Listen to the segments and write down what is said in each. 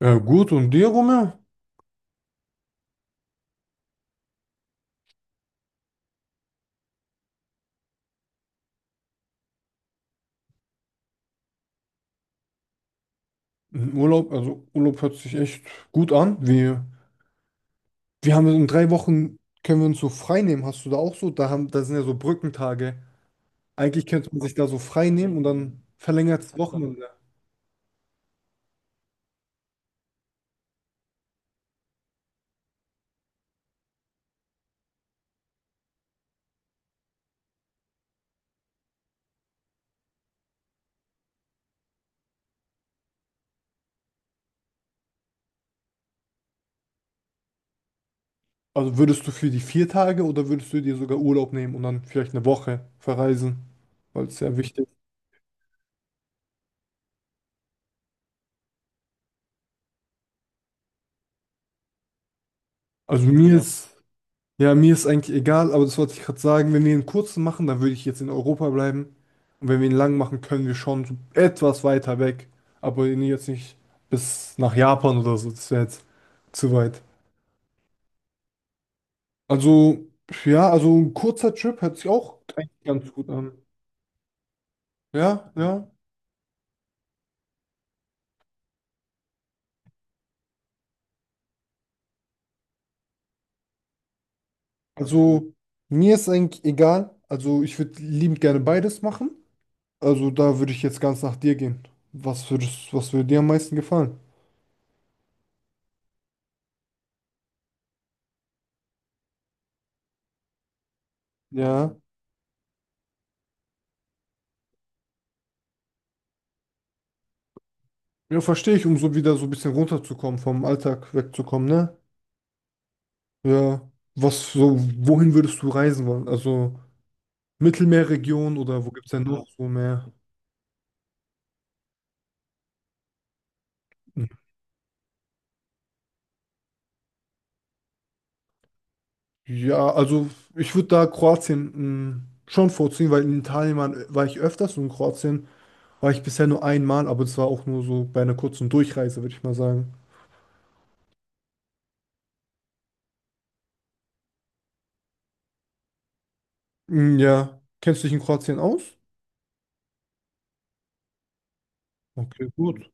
Gut, und dir, Rumme? Urlaub, also Urlaub hört sich echt gut an. Wir haben in 3 Wochen, können wir uns so frei nehmen. Hast du da auch so? Da sind ja so Brückentage. Eigentlich könnte man sich da so frei nehmen und dann verlängertes Wochenende. Also würdest du für die 4 Tage oder würdest du dir sogar Urlaub nehmen und dann vielleicht eine Woche verreisen? Weil es sehr wichtig ist. Also mir ist Ja, mir ist eigentlich egal, aber das wollte ich gerade sagen. Wenn wir einen kurzen machen, dann würde ich jetzt in Europa bleiben. Und wenn wir ihn lang machen, können wir schon so etwas weiter weg. Aber ihn jetzt nicht bis nach Japan oder so. Das wäre jetzt zu weit. Also, ja, also ein kurzer Trip hört sich auch eigentlich ganz gut an. Ja, ja. Also, mir ist eigentlich egal. Also, ich würde liebend gerne beides machen. Also, da würde ich jetzt ganz nach dir gehen. Was würde dir am meisten gefallen? Ja. Ja, verstehe ich, um so wieder so ein bisschen runterzukommen, vom Alltag wegzukommen, ne? Ja. Wohin würdest du reisen wollen? Also Mittelmeerregion oder wo gibt es denn noch so mehr? Ja, also ich würde da Kroatien schon vorziehen, weil in Italien war ich öfters und in Kroatien war ich bisher nur einmal, aber das war auch nur so bei einer kurzen Durchreise, würde ich mal sagen. Mm, ja. Kennst du dich in Kroatien aus? Okay, gut.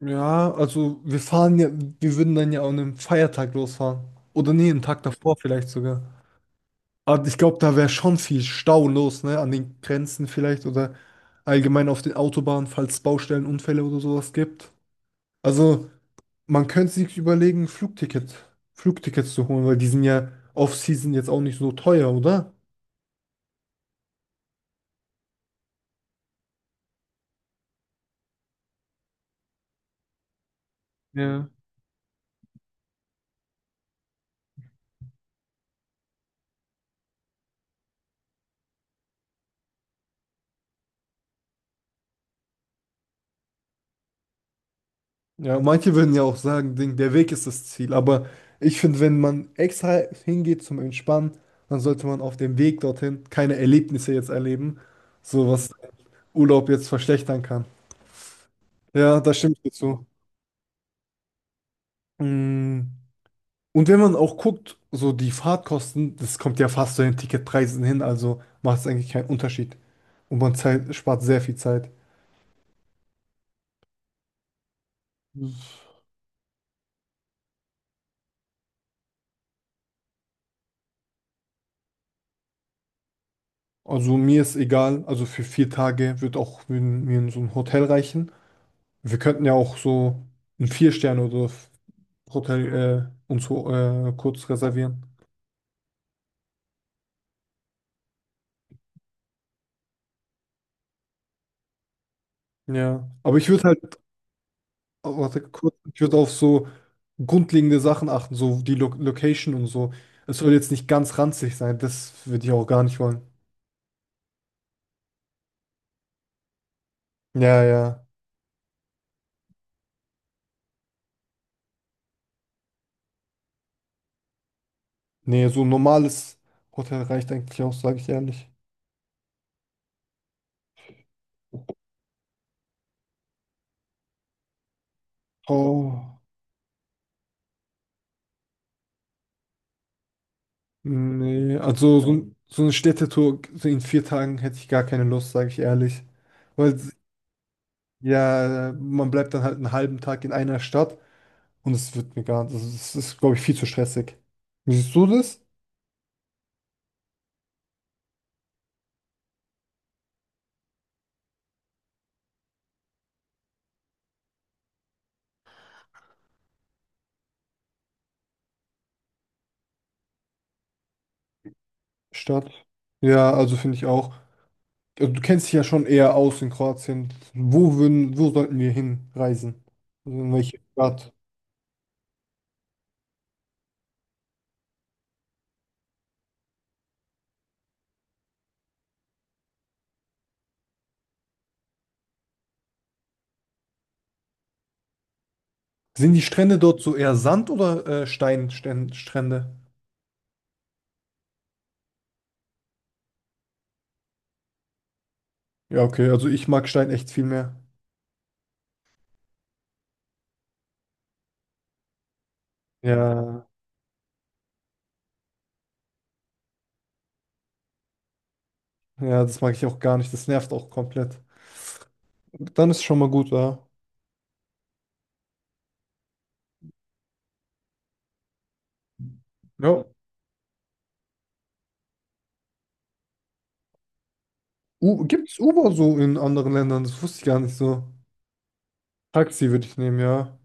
Ja, also wir würden dann ja an einem Feiertag losfahren. Oder nee, einen Tag davor vielleicht sogar. Aber ich glaube, da wäre schon viel Stau los, ne? An den Grenzen vielleicht oder allgemein auf den Autobahnen, falls es Baustellenunfälle oder sowas gibt. Also man könnte sich überlegen, Flugtickets zu holen, weil die sind ja Off-Season jetzt auch nicht so teuer, oder? Ja. Ja, manche würden ja auch sagen, Ding, der Weg ist das Ziel. Aber ich finde, wenn man extra hingeht zum Entspannen, dann sollte man auf dem Weg dorthin keine Erlebnisse jetzt erleben, so was Urlaub jetzt verschlechtern kann. Ja, da stimme ich dir zu. Mm, Und wenn man auch guckt, so die Fahrtkosten, das kommt ja fast zu den Ticketpreisen hin, also macht es eigentlich keinen Unterschied. Und man spart sehr viel Zeit. Also mir ist egal, also für 4 Tage wird auch mir so ein Hotel reichen. Wir könnten ja auch so ein Vier-Sterne- Hotel uns kurz reservieren. Ja. Oh, warte kurz, ich würde auf so grundlegende Sachen achten, so die Lo Location und so. Es soll jetzt nicht ganz ranzig sein, das würde ich auch gar nicht wollen. Ja, ja. Nee, so ein normales Hotel reicht eigentlich auch, sage ich ehrlich. Oh, nee. Also so eine Städtetour so in 4 Tagen hätte ich gar keine Lust, sage ich ehrlich. Weil Ja, man bleibt dann halt einen halben Tag in einer Stadt und es wird mir gar nicht, also es ist, glaube ich, viel zu stressig. Wie siehst du das? Stadt? Ja, also finde ich auch. Also du kennst dich ja schon eher aus in Kroatien. Wo sollten wir hinreisen? Also in welche Stadt? Sind die Strände dort so eher Sand oder Steinstrände? Ja, okay, also ich mag Stein echt viel mehr. Ja, ja, das mag ich auch gar nicht. Das nervt auch komplett. Dann ist schon mal gut, ja. Ja. U Gibt's Uber so in anderen Ländern? Das wusste ich gar nicht so. Taxi würde ich nehmen, ja.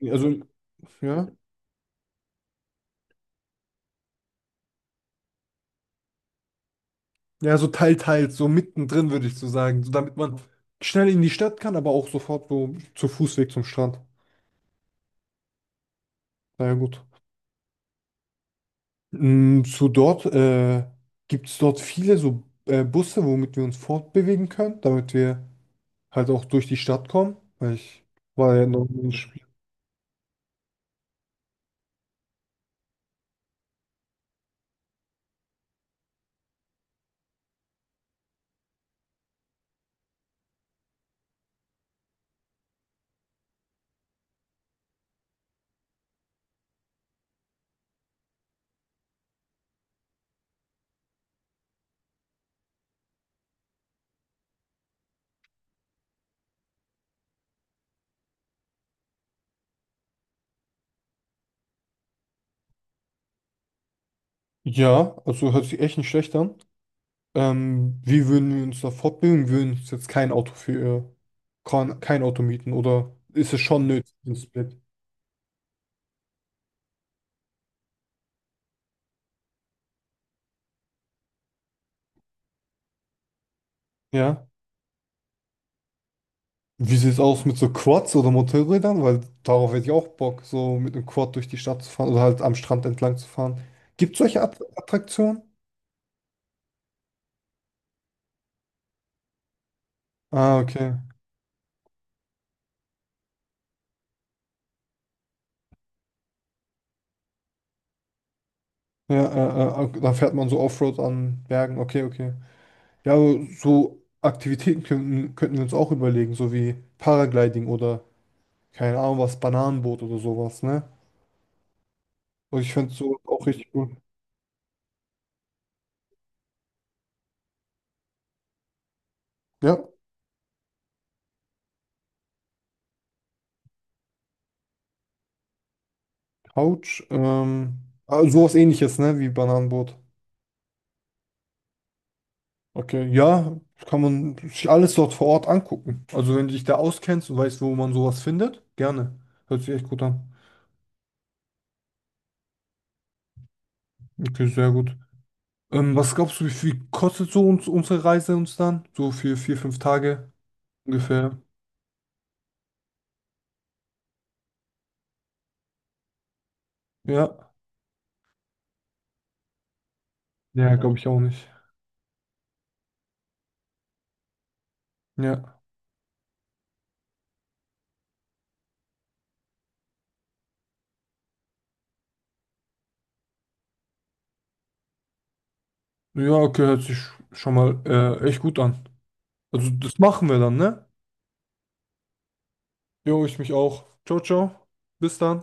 Also, ja. Ja, so teils, so mittendrin würde ich so sagen. So, damit man schnell in die Stadt kann, aber auch sofort so zu Fußweg zum Strand. Na ja, gut. Mm, zu dort, äh, Gibt es dort viele so Busse, womit wir uns fortbewegen können, damit wir halt auch durch die Stadt kommen. Weil ich war ja noch nicht. Ja, also hört sich echt nicht schlecht an. Wie würden wir uns da fortbilden? Wir würden uns jetzt kein Auto mieten oder ist es schon nötig, ein Split? Ja. Wie sieht es aus mit so Quads oder Motorrädern? Weil darauf hätte ich auch Bock, so mit einem Quad durch die Stadt zu fahren oder halt am Strand entlang zu fahren. Gibt es solche Attraktionen? Ah, okay. Ja, da fährt man so Offroad an Bergen. Okay, okay. Ja, aber so Aktivitäten könnten wir uns auch überlegen, so wie Paragliding oder keine Ahnung was, Bananenboot oder sowas, ne? Und ich finde so auch richtig cool. Ja, Couch. Sowas ähnliches, ne, wie Bananenboot. Okay, ja, kann man sich alles dort vor Ort angucken. Also wenn du dich da auskennst und weißt, wo man sowas findet, gerne. Hört sich echt gut an. Okay, sehr gut. Was glaubst du, wie viel kostet so uns unsere Reise uns dann? So für 4, 5 Tage ungefähr. Ja. Ja, glaube ich auch nicht. Ja. Ja, okay, hört sich schon mal echt gut an. Also das machen wir dann, ne? Jo, ich mich auch. Ciao, ciao. Bis dann.